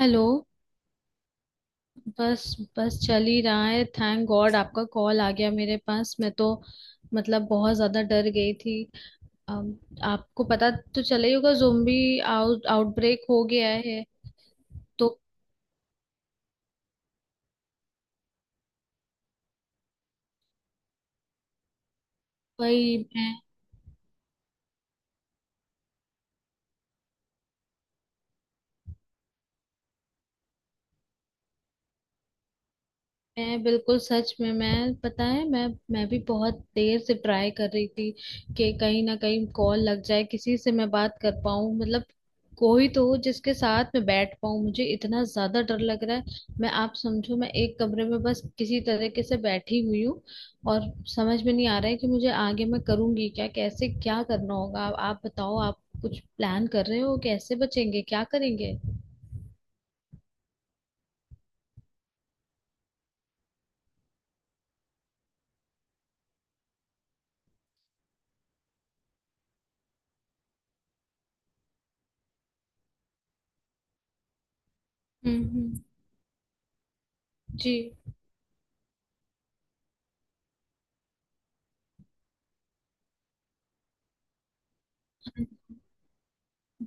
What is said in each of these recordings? Hello. बस बस चल ही रहा है। थैंक गॉड आपका कॉल आ गया मेरे पास। मैं तो मतलब बहुत ज्यादा डर गई थी। अम, आपको पता तो चला ही होगा ज़ोंबी आउटब्रेक हो गया है। तो भाई मैं बिल्कुल सच में, मैं पता है, मैं भी बहुत देर से ट्राई कर रही थी कि कहीं ना कहीं कॉल लग जाए, किसी से मैं बात कर पाऊं। मतलब कोई तो हो जिसके साथ मैं बैठ पाऊं, मुझे इतना ज्यादा डर लग रहा है। मैं, आप समझो, मैं एक कमरे में बस किसी तरीके से बैठी हुई हूँ। और समझ में नहीं आ रहा है कि मुझे आगे मैं करूंगी क्या, कैसे क्या करना होगा। आप बताओ, आप कुछ प्लान कर रहे हो, कैसे बचेंगे, क्या करेंगे? हम्म। हम्म। जी।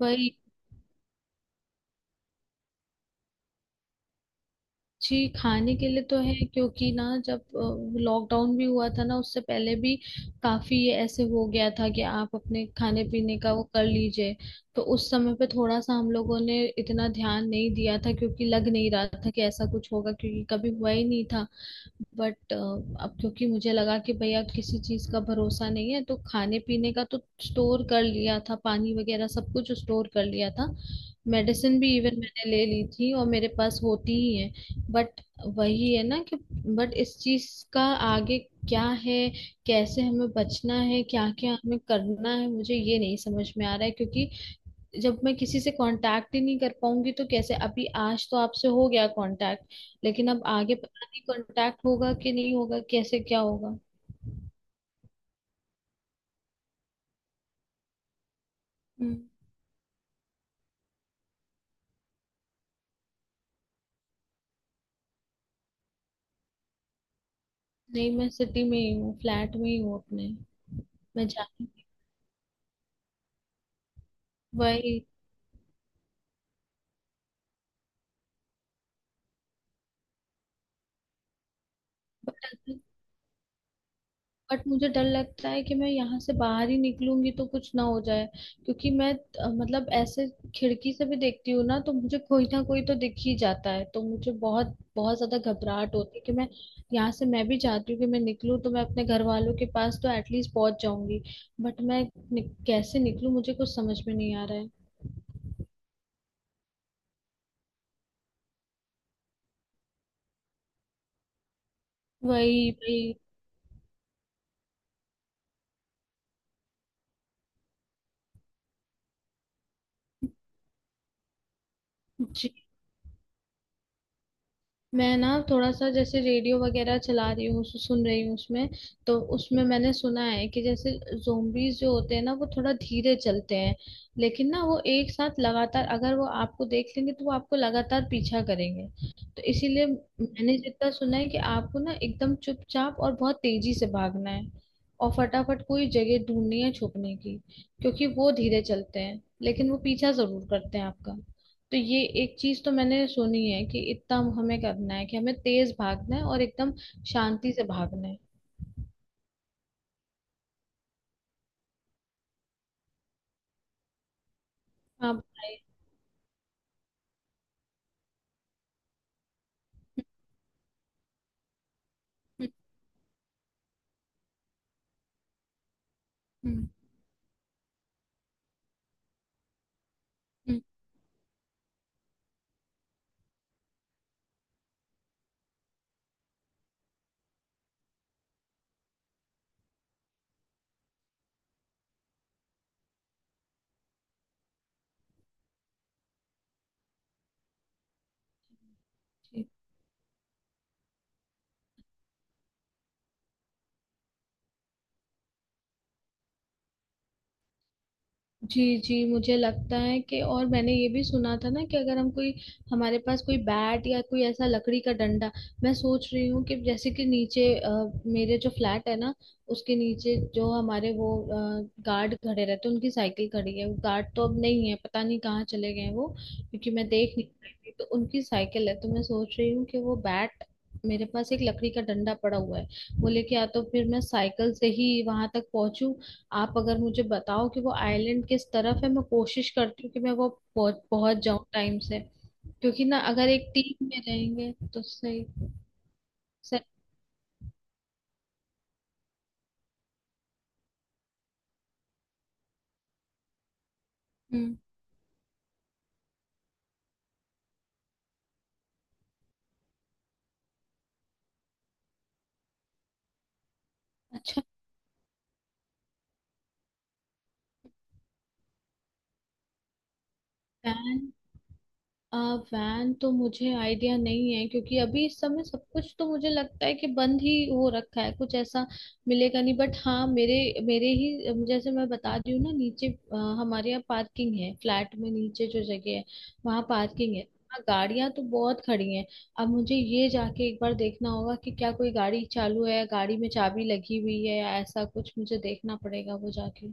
वही। जी, खाने के लिए तो है क्योंकि ना जब लॉकडाउन भी हुआ था ना उससे पहले भी काफी ये ऐसे हो गया था कि आप अपने खाने पीने का वो कर लीजिए। तो उस समय पे थोड़ा सा हम लोगों ने इतना ध्यान नहीं दिया था क्योंकि लग नहीं रहा था कि ऐसा कुछ होगा, क्योंकि कभी हुआ ही नहीं था। बट अब क्योंकि मुझे लगा कि भैया किसी चीज का भरोसा नहीं है, तो खाने पीने का तो स्टोर कर लिया था, पानी वगैरह सब कुछ स्टोर कर लिया था। मेडिसिन भी इवन मैंने ले ली थी, और मेरे पास होती ही है। बट वही है ना कि, बट इस चीज का आगे क्या है, कैसे हमें बचना है, क्या क्या हमें करना है, मुझे ये नहीं समझ में आ रहा है। क्योंकि जब मैं किसी से कांटेक्ट ही नहीं कर पाऊंगी तो कैसे? अभी आज तो आपसे हो गया कांटेक्ट, लेकिन अब आगे पता नहीं कांटेक्ट होगा कि नहीं होगा, कैसे क्या होगा। हम्म। नहीं, मैं सिटी में ही हूँ, फ्लैट में ही हूँ अपने। मैं जा वही। बट मुझे डर लगता है कि मैं यहाँ से बाहर ही निकलूंगी तो कुछ ना हो जाए, क्योंकि मैं मतलब ऐसे खिड़की से भी देखती हूँ ना तो मुझे कोई ना कोई तो दिख ही जाता है, तो मुझे बहुत बहुत ज्यादा घबराहट होती है। कि मैं यहाँ से, मैं भी चाहती हूँ कि मैं निकलूँ, तो मैं अपने घर वालों के पास तो एटलीस्ट पहुंच जाऊंगी। बट मैं कैसे निकलूँ, मुझे कुछ समझ में नहीं आ रहा है। वही, वही। जी, मैं ना थोड़ा सा जैसे रेडियो वगैरह चला रही हूँ, सुन रही हूँ उसमें। तो उसमें मैंने सुना है कि जैसे जोम्बीज जो होते हैं ना वो थोड़ा धीरे चलते हैं, लेकिन ना वो एक साथ लगातार, अगर वो आपको देख लेंगे तो वो आपको लगातार पीछा करेंगे। तो इसीलिए मैंने जितना सुना है कि आपको ना एकदम चुपचाप और बहुत तेजी से भागना है, और फटाफट कोई जगह ढूंढनी है छुपने की, क्योंकि वो धीरे चलते हैं लेकिन वो पीछा जरूर करते हैं आपका। तो ये एक चीज तो मैंने सुनी है कि इतना हमें करना है कि हमें तेज भागना है और एकदम शांति से भागना है। आप बताइए। हम्म। हम्म। हम्म। जी। जी, जी, मुझे लगता है कि, और मैंने ये भी सुना था ना कि अगर हम कोई, हमारे पास कोई बैट या कोई ऐसा लकड़ी का डंडा, मैं सोच रही हूँ कि जैसे कि नीचे मेरे जो फ्लैट है ना उसके नीचे जो हमारे वो गार्ड खड़े रहते हैं उनकी साइकिल खड़ी है। वो गार्ड तो अब नहीं है, पता नहीं कहाँ चले गए हैं वो, क्योंकि मैं देख नहीं पाई थी। तो उनकी साइकिल है, तो मैं सोच रही हूँ कि वो बैट, मेरे पास एक लकड़ी का डंडा पड़ा हुआ है, वो लेके या तो फिर मैं साइकिल से ही वहां तक पहुंचूं। आप अगर मुझे बताओ कि वो आइलैंड किस तरफ है, मैं कोशिश करती हूँ कि मैं वो पहुंच पहुंच जाऊं टाइम से, क्योंकि ना अगर एक टीम में रहेंगे तो सही। सही। हम्म। अच्छा। प्लान। वैन तो मुझे आइडिया नहीं है, क्योंकि अभी इस समय सब कुछ तो मुझे लगता है कि बंद ही हो रखा है, कुछ ऐसा मिलेगा नहीं। बट हाँ, मेरे, मेरे ही जैसे मैं बता रही हूँ ना नीचे अ, हमारे यहाँ पार्किंग है, फ्लैट में नीचे जो जगह है वहाँ पार्किंग है। हाँ, गाड़ियां तो बहुत खड़ी हैं। अब मुझे ये जाके एक बार देखना होगा कि क्या कोई गाड़ी चालू है, गाड़ी में चाबी लगी हुई है या ऐसा कुछ, मुझे देखना पड़ेगा वो जाके।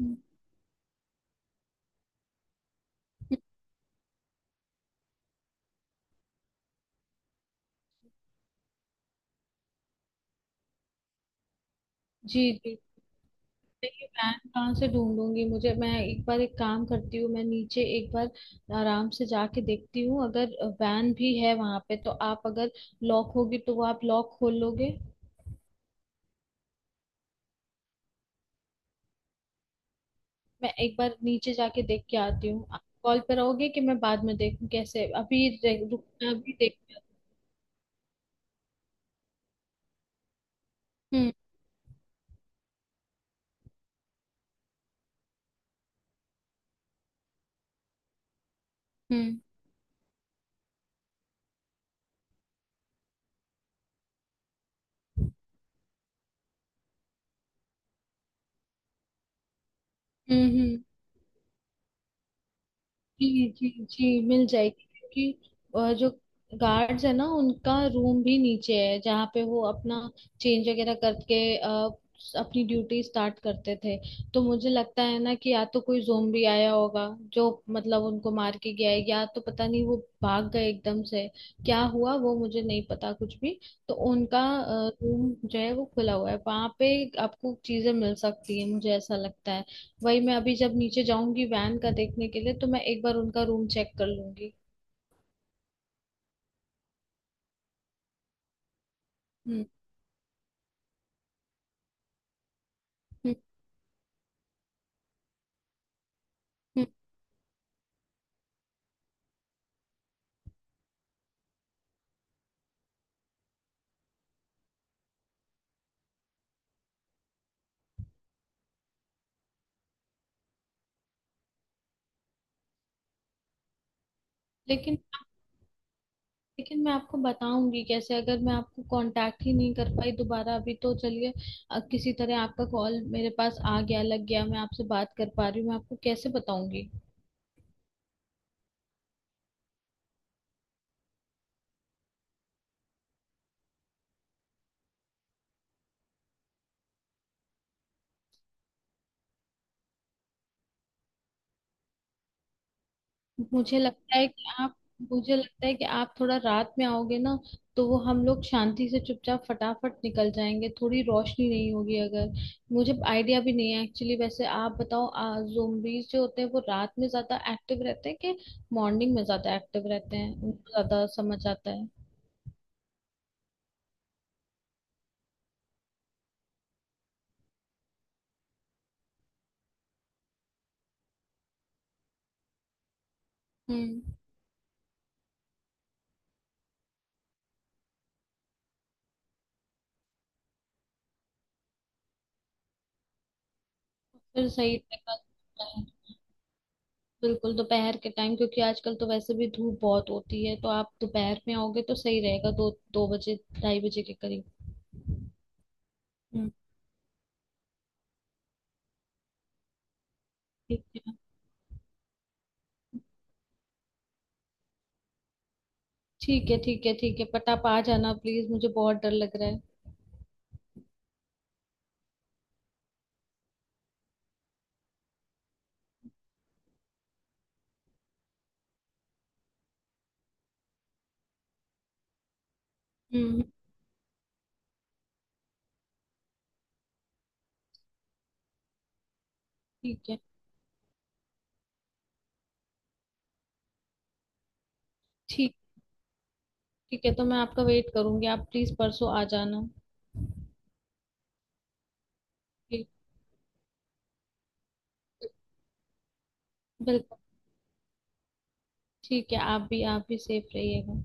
हम्म। जी, जी, नहीं, मैं ये पैन कहाँ से ढूंढूंगी मुझे, मैं एक बार एक काम करती हूँ, मैं नीचे एक बार आराम से जाके देखती हूँ। अगर वैन भी है वहां पे तो आप, अगर लॉक होगी तो वो आप लॉक खोल लोगे। मैं एक बार नीचे जाके देख के आती हूँ, आप कॉल पे रहोगे? कि मैं बाद में देखूँ, कैसे अभी रुक। अभी देख। हम्म। हम्म। हम्म। हम्म। जी, जी, जी, मिल जाएगी क्योंकि जो गार्ड्स है ना उनका रूम भी नीचे है जहाँ पे वो अपना चेंज वगैरह करके अपनी ड्यूटी स्टार्ट करते थे। तो मुझे लगता है ना कि या तो कोई जोम्बी आया होगा जो मतलब उनको मार के गया है, या तो पता नहीं वो भाग गए एकदम से, क्या हुआ वो मुझे नहीं पता कुछ भी। तो उनका रूम जो है वो खुला हुआ है वहां पे, आपको चीजें मिल सकती है मुझे ऐसा लगता है। वही मैं अभी जब नीचे जाऊंगी वैन का देखने के लिए, तो मैं एक बार उनका रूम चेक कर लूंगी। हम्म। हम्म। हम्म। लेकिन लेकिन मैं आपको बताऊंगी कैसे, अगर मैं आपको कांटेक्ट ही नहीं कर पाई दोबारा? अभी तो चलिए किसी तरह आपका कॉल मेरे पास आ गया, लग गया, मैं आपसे बात कर पा रही हूँ, मैं आपको कैसे बताऊंगी? मुझे लगता है कि आप मुझे लगता है कि आप थोड़ा रात में आओगे ना, तो वो हम लोग शांति से चुपचाप फटाफट निकल जाएंगे, थोड़ी रोशनी नहीं होगी अगर। मुझे आइडिया भी नहीं है एक्चुअली। वैसे आप बताओ, zombies जो होते हैं वो रात में ज्यादा एक्टिव रहते हैं, कि मॉर्निंग में ज्यादा एक्टिव रहते हैं, उनको ज्यादा समझ आता है? हम्म। फिर सही रहेगा दोपहर। बिल्कुल दोपहर के टाइम, क्योंकि आजकल तो वैसे भी धूप बहुत होती है, तो आप दोपहर में आओगे तो सही रहेगा, 2-2 बजे 2:30 बजे के करीब। हम्म। ठीक है, ठीक है, ठीक है। ठीक है, बट आप आ जाना प्लीज, मुझे बहुत डर लग रहा है। हम्म। ठीक है। ठीक, ठीक है, तो मैं आपका वेट करूंगी, आप प्लीज परसों आ जाना। ठीक। बिल्कुल। ठीक है, आप भी, आप भी सेफ रहिएगा।